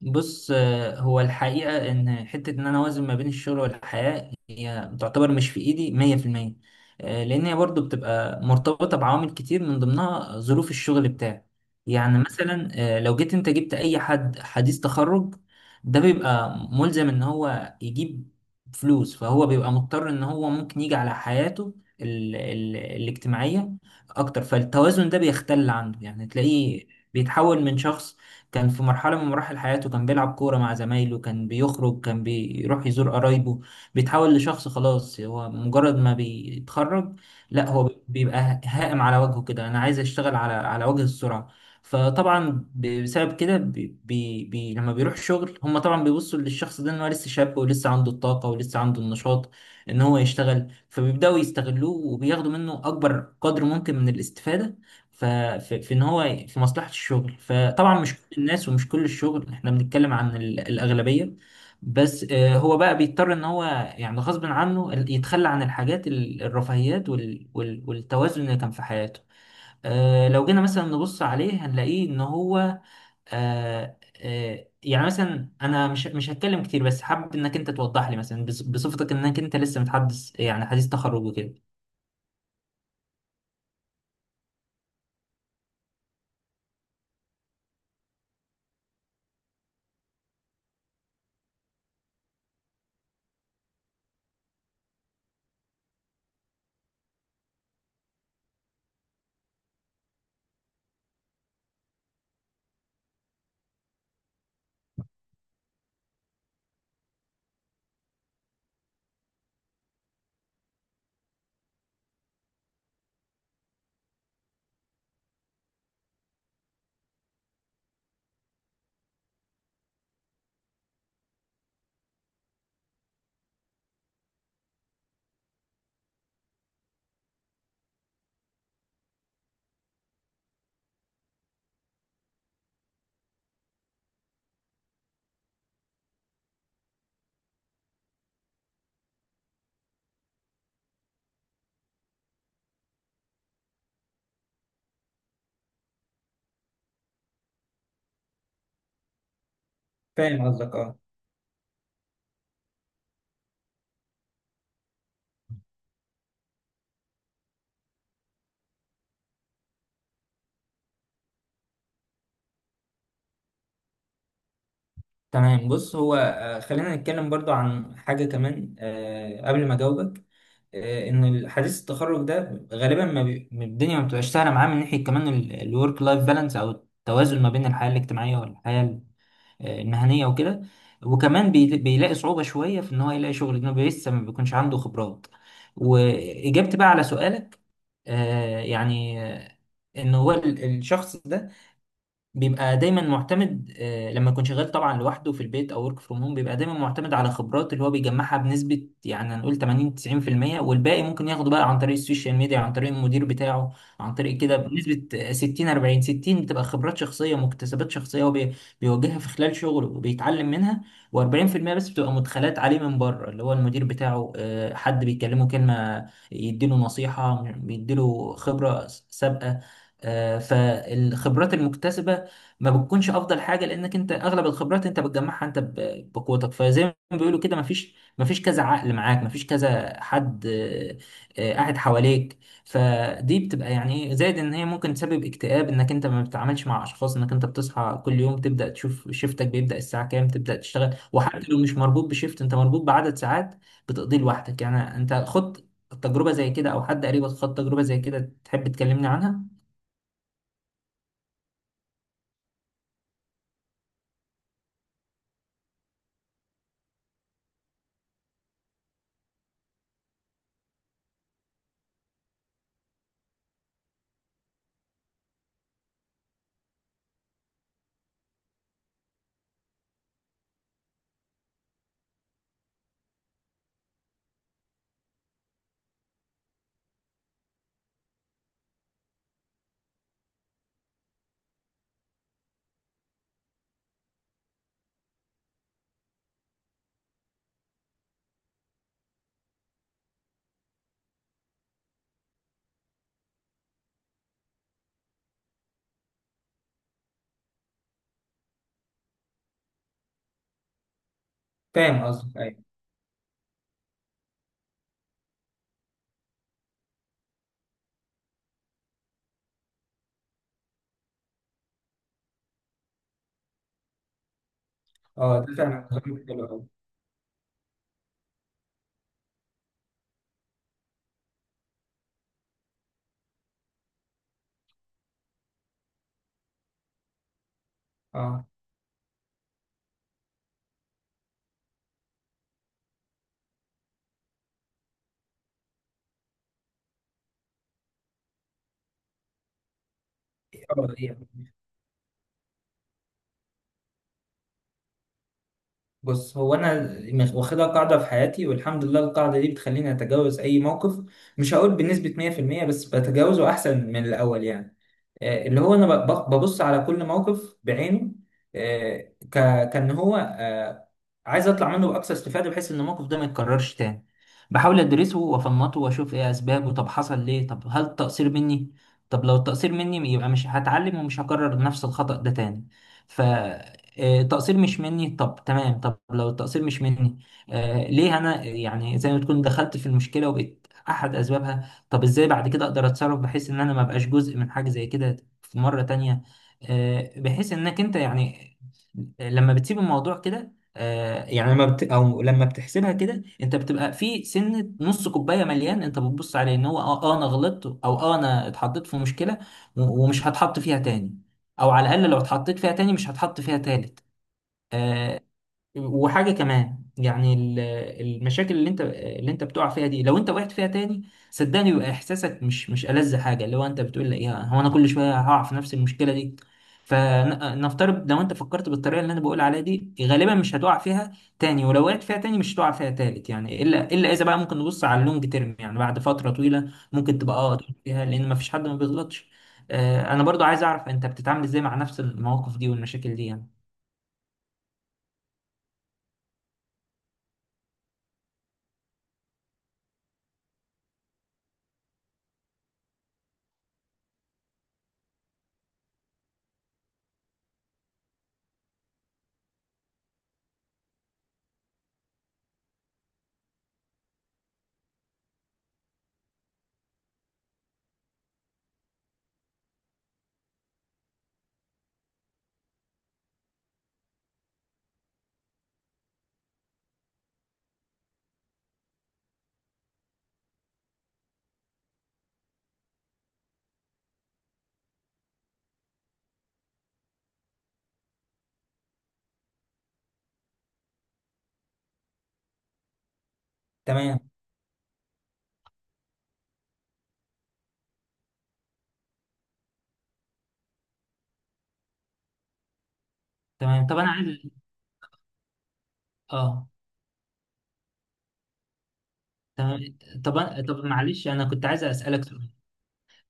بص، هو الحقيقة إن حتة إن أنا أوازن ما بين الشغل والحياة هي تعتبر مش في إيدي مية في المية. لأن هي برضو بتبقى مرتبطة بعوامل كتير من ضمنها ظروف الشغل بتاعي. يعني مثلا لو جيت أنت جبت أي حد حديث تخرج، ده بيبقى ملزم إن هو يجيب فلوس، فهو بيبقى مضطر إن هو ممكن يجي على حياته ال الاجتماعية أكتر، فالتوازن ده بيختل عنده، يعني تلاقيه بيتحول من شخص كان في مرحلة من مراحل حياته كان بيلعب كورة مع زمايله، كان بيخرج، كان بيروح يزور قرايبه، بيتحول لشخص خلاص هو مجرد ما بيتخرج، لا هو بيبقى هائم على وجهه كده، أنا عايز أشتغل على وجه السرعة. فطبعا بسبب كده بي لما بيروح شغل، هم طبعا بيبصوا للشخص ده ان هو لسه شاب، ولسه عنده الطاقة، ولسه عنده النشاط ان هو يشتغل، فبيبدأوا يستغلوه وبياخدوا منه اكبر قدر ممكن من الاستفادة ففي في ان هو في مصلحة الشغل. فطبعا مش كل الناس ومش كل الشغل، احنا بنتكلم عن الأغلبية. بس هو بقى بيضطر ان هو يعني غصب عنه يتخلى عن الحاجات الرفاهيات والتوازن اللي كان في حياته. لو جينا مثلا نبص عليه هنلاقيه ان هو آه، يعني مثلا انا مش هتكلم كتير، بس حابب انك انت توضح لي مثلا بصفتك انك انت لسه متحدث، يعني حديث تخرج وكده. فاهم قصدك، اه. تمام، بص هو خلينا نتكلم برضو عن حاجة كمان قبل ما أجاوبك. إن حديث التخرج ده غالبا ما الدنيا ما بتبقاش سهلة معاه من ناحية كمان الورك لايف بالانس أو التوازن ما بين الحياة الاجتماعية والحياة المهنية وكده، وكمان بيلاقي صعوبة شوية في إن هو يلاقي شغل لأنه لسه ما بيكونش عنده خبرات. وإجابتي بقى على سؤالك، آه، يعني آه، إن هو الشخص ده بيبقى دايما معتمد، لما يكون شغال طبعا لوحده في البيت او ورك فروم هوم، بيبقى دايما معتمد على خبرات اللي هو بيجمعها بنسبه يعني هنقول 80 90% والباقي ممكن ياخده بقى عن طريق السوشيال ميديا، عن طريق المدير بتاعه، عن طريق كده بنسبه 60 40 60 بتبقى خبرات شخصيه، مكتسبات شخصيه هو بيواجهها في خلال شغله وبيتعلم منها، و40% بس بتبقى مدخلات عليه من بره، اللي هو المدير بتاعه، حد بيكلمه كلمه، يديله نصيحه، بيديله خبره سابقه. فالخبرات المكتسبة ما بتكونش افضل حاجه، لانك انت اغلب الخبرات انت بتجمعها انت بقوتك. فزي ما بيقولوا كده، ما فيش كذا عقل معاك، ما فيش كذا حد قاعد حواليك. فدي بتبقى يعني ايه زائد، ان هي ممكن تسبب اكتئاب، انك انت ما بتتعاملش مع اشخاص، انك انت بتصحى كل يوم تبدا تشوف شيفتك بيبدا الساعه كام، تبدا تشتغل، وحتى لو مش مربوط بشيفت، انت مربوط بعدد ساعات بتقضيه لوحدك. يعني انت خدت تجربه زي كده او حد قريبك خد تجربه زي كده تحب تكلمني عنها؟ فاهم قصدك، ايوه. اه ده فعلا كلام حلو أوي. اه آه، هي- بص هو انا واخدها قاعده في حياتي، والحمد لله القاعده دي بتخليني اتجاوز اي موقف، مش هقول بنسبه 100%، بس بتجاوزه احسن من الاول يعني. اللي هو انا ببص على كل موقف بعينه، كان هو عايز اطلع منه باقصى استفاده بحيث ان الموقف ده ما يتكررش تاني، بحاول ادرسه وافنطه واشوف ايه اسبابه، طب حصل ليه؟ طب هل التقصير مني؟ طب لو التقصير مني يبقى مش هتعلم، ومش هكرر نفس الخطأ ده تاني. ف آه، التقصير مش مني، طب تمام، طب لو التقصير مش مني، ليه انا يعني زي ما تكون دخلت في المشكله وبقيت احد اسبابها، طب ازاي بعد كده اقدر اتصرف بحيث ان انا ما ابقاش جزء من حاجه زي كده في مره تانية؟ بحيث انك انت يعني لما بتسيب الموضوع كده، آه يعني لما بت او لما بتحسبها كده انت بتبقى في سنه نص كوبايه مليان، انت بتبص عليه ان هو انا غلطت، او انا اتحطيت في مشكله ومش هتحط فيها تاني، او على الاقل لو اتحطيت فيها تاني مش هتحط فيها تالت. آه، وحاجة كمان يعني المشاكل اللي انت بتقع فيها دي، لو انت وقعت فيها تاني صدقني بيبقى احساسك مش ألذ حاجة، اللي هو انت بتقول لي يا هو انا كل شوية هقع في نفس المشكلة دي. فنفترض لو انت فكرت بالطريقة اللي انا بقول عليها دي غالبا مش هتقع فيها تاني، ولو وقعت فيها تاني مش هتقع فيها تالت، يعني الا اذا بقى ممكن نبص على اللونج تيرم يعني بعد فترة طويلة ممكن تبقى تقع فيها لان مفيش حد ما بيغلطش. انا برضو عايز اعرف انت بتتعامل ازاي مع نفس المواقف دي والمشاكل دي يعني؟ تمام. تمام، طب انا عايز، اه. تمام. طب معلش انا كنت عايز اسالك سؤال.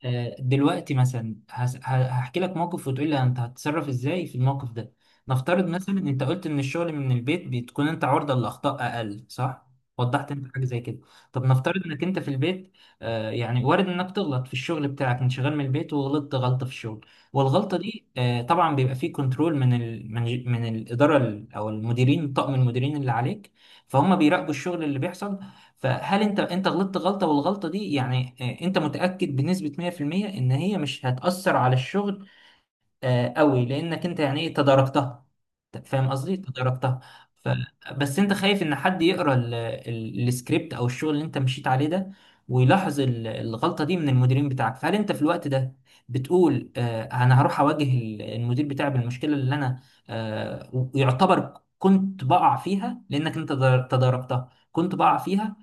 دلوقتي مثلا هحكي لك موقف وتقول لي انت هتتصرف ازاي في الموقف ده. نفترض مثلا انت قلت ان الشغل من البيت بتكون انت عرضة للاخطاء اقل، صح؟ وضحت انت حاجه زي كده. طب نفترض انك انت في البيت، يعني وارد انك تغلط في الشغل بتاعك، انت شغال من البيت وغلطت غلطه في الشغل، والغلطه دي طبعا بيبقى فيه كنترول من من الاداره او المديرين، طاقم المديرين اللي عليك، فهم بيراقبوا الشغل اللي بيحصل. فهل انت غلطت غلطه والغلطه دي يعني انت متاكد بنسبه 100% ان هي مش هتاثر على الشغل قوي لانك انت يعني ايه تداركتها، أنت فاهم قصدي، تداركتها. ف... بس انت خايف ان حد يقرا السكريبت او الشغل اللي انت مشيت عليه ده ويلاحظ الغلطه دي من المديرين بتاعك. فهل انت في الوقت ده بتقول انا هروح اواجه المدير بتاعي بالمشكله اللي انا آه، ويعتبر كنت بقع فيها لانك انت تداركتها، كنت بقع فيها،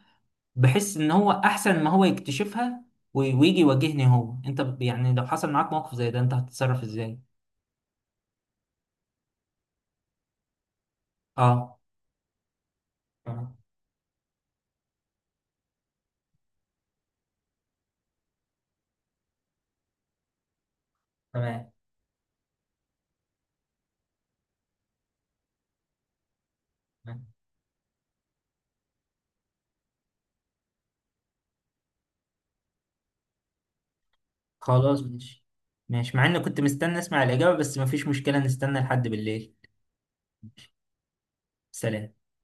بحس ان هو احسن ما هو يكتشفها ويجي يواجهني هو انت يعني لو حصل معاك موقف زي ده انت هتتصرف ازاي؟ اه. اه تمام. تمام. خلاص ماشي. ماشي مع اني كنت مستني اسمع الاجابة، بس مفيش مشكلة نستنى لحد بالليل. سلام.